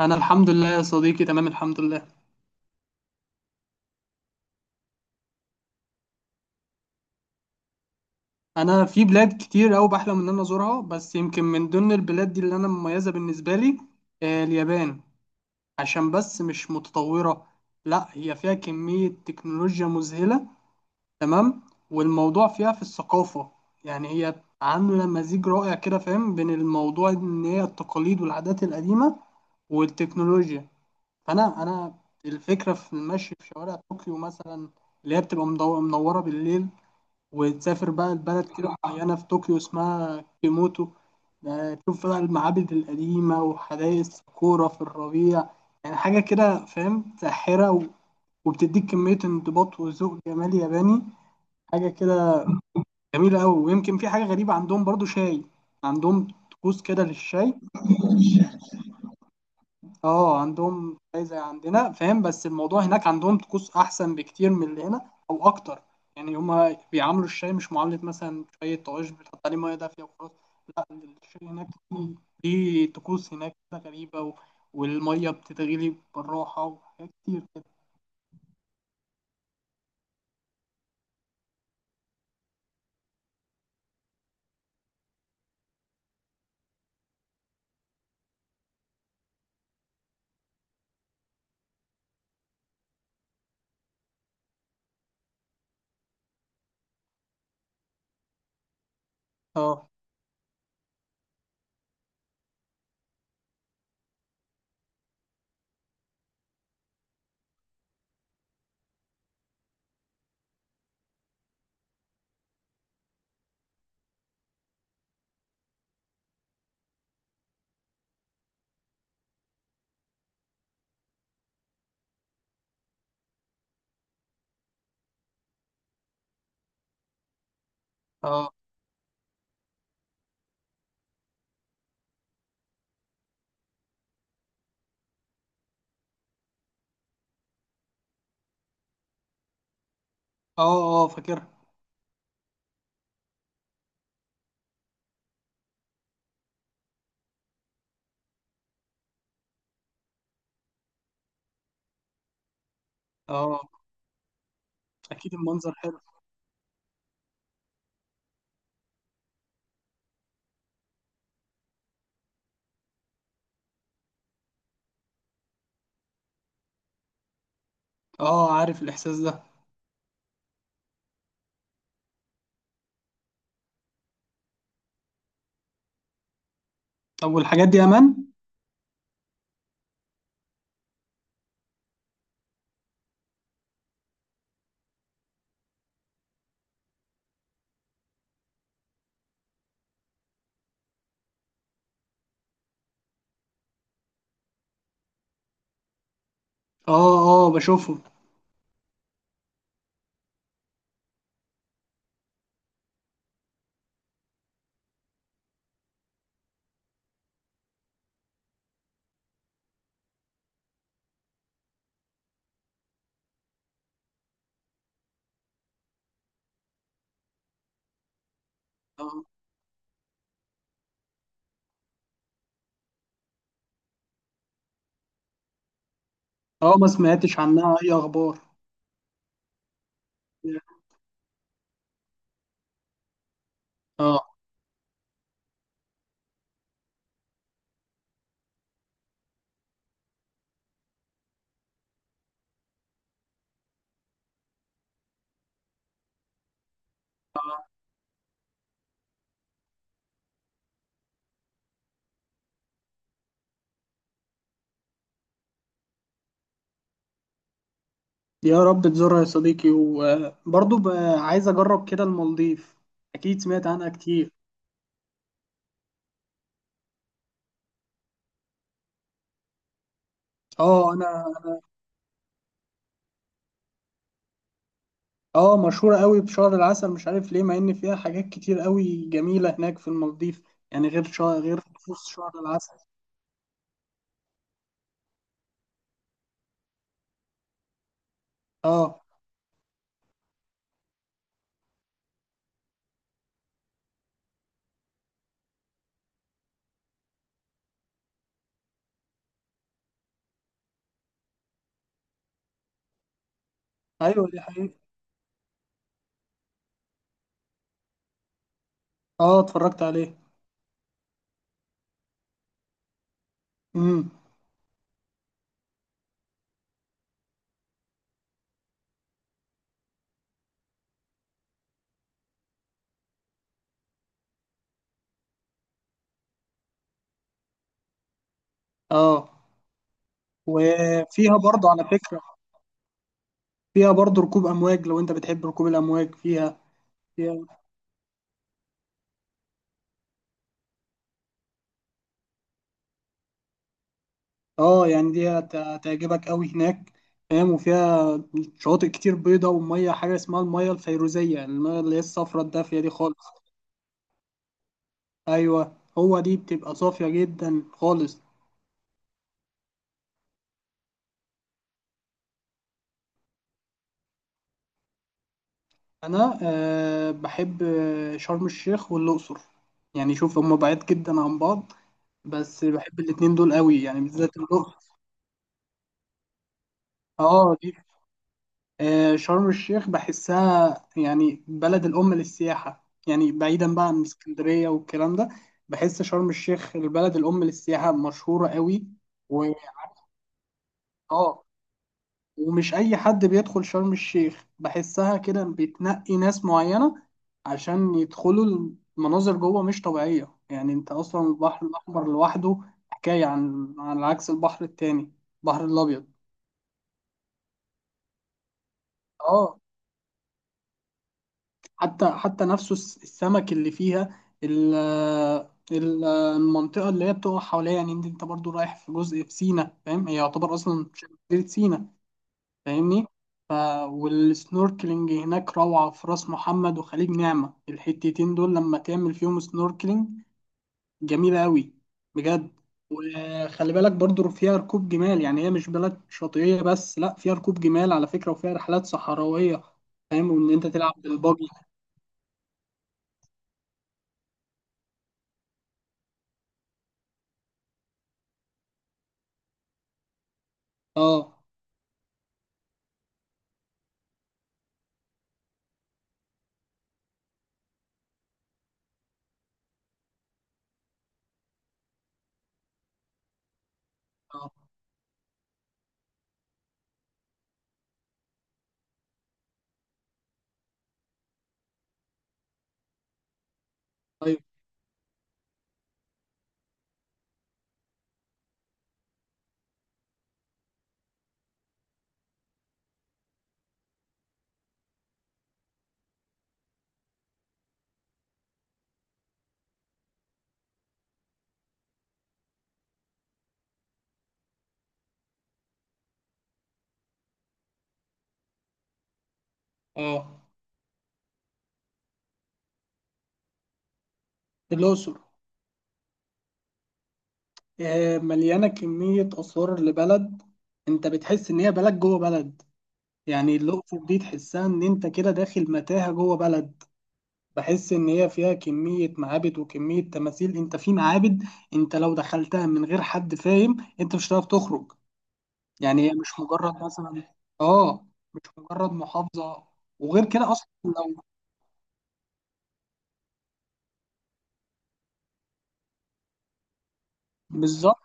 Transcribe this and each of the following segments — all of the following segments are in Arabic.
انا الحمد لله يا صديقي تمام الحمد لله. انا في بلاد كتير أوي بحلم ان انا ازورها، بس يمكن من ضمن البلاد دي اللي انا مميزه بالنسبه لي اليابان. عشان بس مش متطوره، لا هي فيها كميه تكنولوجيا مذهله. تمام. والموضوع فيها في الثقافه، يعني هي عامله مزيج رائع كده فاهم بين الموضوع ان هي التقاليد والعادات القديمه والتكنولوجيا. فانا الفكره في المشي في شوارع طوكيو مثلا، اللي هي بتبقى منوره بالليل. وتسافر بقى لبلد كده معينة في طوكيو اسمها كيموتو، ده تشوف بقى المعابد القديمة وحدائق الساكورا في الربيع. يعني حاجة كده فاهم ساحرة وبتديك كمية انضباط وذوق جمالي ياباني. حاجة كده جميلة أوي. ويمكن في حاجة غريبة عندهم برضو شاي، عندهم طقوس كده للشاي. اه عندهم زي عندنا فاهم، بس الموضوع هناك عندهم طقوس احسن بكتير من اللي هنا او اكتر. يعني هما بيعاملوا الشاي مش معلب مثلا، شاي طواجن بتحط عليه ميه دافيه وخلاص. لا، الشاي هناك ليه ليه طقوس هناك كده غريبه والميه بتتغلي بالراحه وحاجات كتير كده. اه. اه. اه. اه فاكرها. اه. اكيد المنظر حلو. اه عارف الاحساس ده. طب والحاجات دي امان؟ اه. اه بشوفهم. اه. اه ما سمعتش عنها اي اخبار. اه. يا رب تزورها يا صديقي، وبرضه بقى عايز اجرب كده المالديف، اكيد سمعت عنها كتير. اه انا. اه مشهورة قوي بشهر العسل مش عارف ليه، مع ان فيها حاجات كتير قوي جميلة هناك في المالديف، يعني غير شهر غير خصوص شهر العسل. اه. ايوه دي حقيقة. اه اتفرجت عليه. امم. اه. وفيها برضه على فكرة، فيها برضه ركوب امواج لو انت بتحب ركوب الامواج فيها. فيها. اه يعني دي هتعجبك قوي هناك فاهم. وفيها شواطئ كتير بيضة ومية، حاجة اسمها المية الفيروزية، المية اللي هي الصفرة الدافية دي خالص. أيوة، هو دي بتبقى صافية جدا خالص. أنا أه بحب شرم الشيخ والأقصر. يعني شوف هما بعيد جدا عن بعض، بس بحب الاتنين دول قوي، يعني بالذات الأقصر. اه دي. شرم الشيخ بحسها يعني بلد الأم للسياحة، يعني بعيدا بقى عن اسكندرية والكلام ده. بحس شرم الشيخ البلد الأم للسياحة، مشهورة قوي و... آه ومش أي حد بيدخل شرم الشيخ، بحسها كده بتنقي ناس معينة عشان يدخلوا. المناظر جوه مش طبيعية، يعني أنت أصلا البحر الأحمر لوحده حكاية، عن عكس البحر التاني، البحر الأبيض. آه حتى نفسه السمك اللي فيها المنطقة اللي هي بتقع حواليها. يعني انت برضو رايح في جزء في سينا فاهم، هي يعتبر اصلا شبه جزيرة سينا. فاهمني. ف... والسنوركلينج هناك روعة، في راس محمد وخليج نعمة الحتتين دول لما تعمل فيهم سنوركلينج، جميلة قوي، بجد. وخلي بالك برضو فيها ركوب جمال. يعني هي مش بلد شاطئية بس، لا فيها ركوب جمال على فكرة، وفيها رحلات صحراوية فاهم، وان انت تلعب بالباجي. اه. آه. طيب. اه. الأقصر. مليانة كمية آثار لبلد، أنت بتحس إن هي بلد جوه بلد. يعني الأقصر دي تحسها إن أنت كده داخل متاهة جوه بلد. بحس إن هي فيها كمية معابد وكمية تماثيل، أنت في معابد أنت لو دخلتها من غير حد فاهم أنت مش هتعرف تخرج. يعني هي مش مجرد مثلا آه مش مجرد محافظة. وغير كده أصلا لو. بالظبط.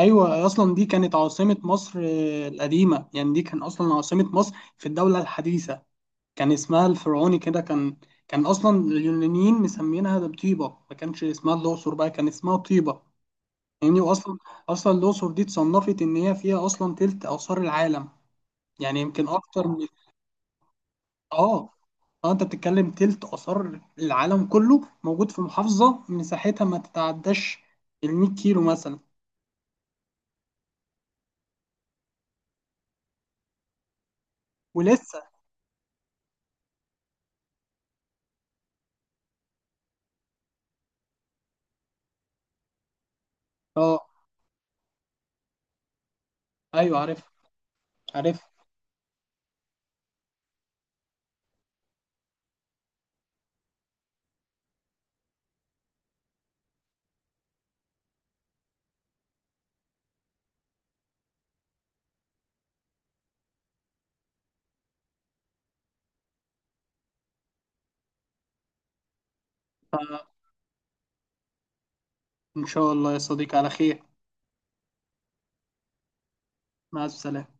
ايوه اصلا دي كانت عاصمه مصر القديمه، يعني دي كان اصلا عاصمه مصر في الدوله الحديثه. كان اسمها الفرعوني كده كان اصلا اليونانيين مسمينها ده بطيبه، ما كانش اسمها الاقصر بقى، كان اسمها طيبه. يعني واصلا اصلا الاقصر دي اتصنفت ان هي فيها اصلا تلت اثار العالم. يعني يمكن اكتر من. اه. اه انت بتتكلم تلت اثار العالم كله موجود في محافظه مساحتها ما تتعداش ال 100 كيلو مثلا. ولسه. اه. ايوه عارف. عارف. إن شاء الله يا صديقي على خير. مع السلامة.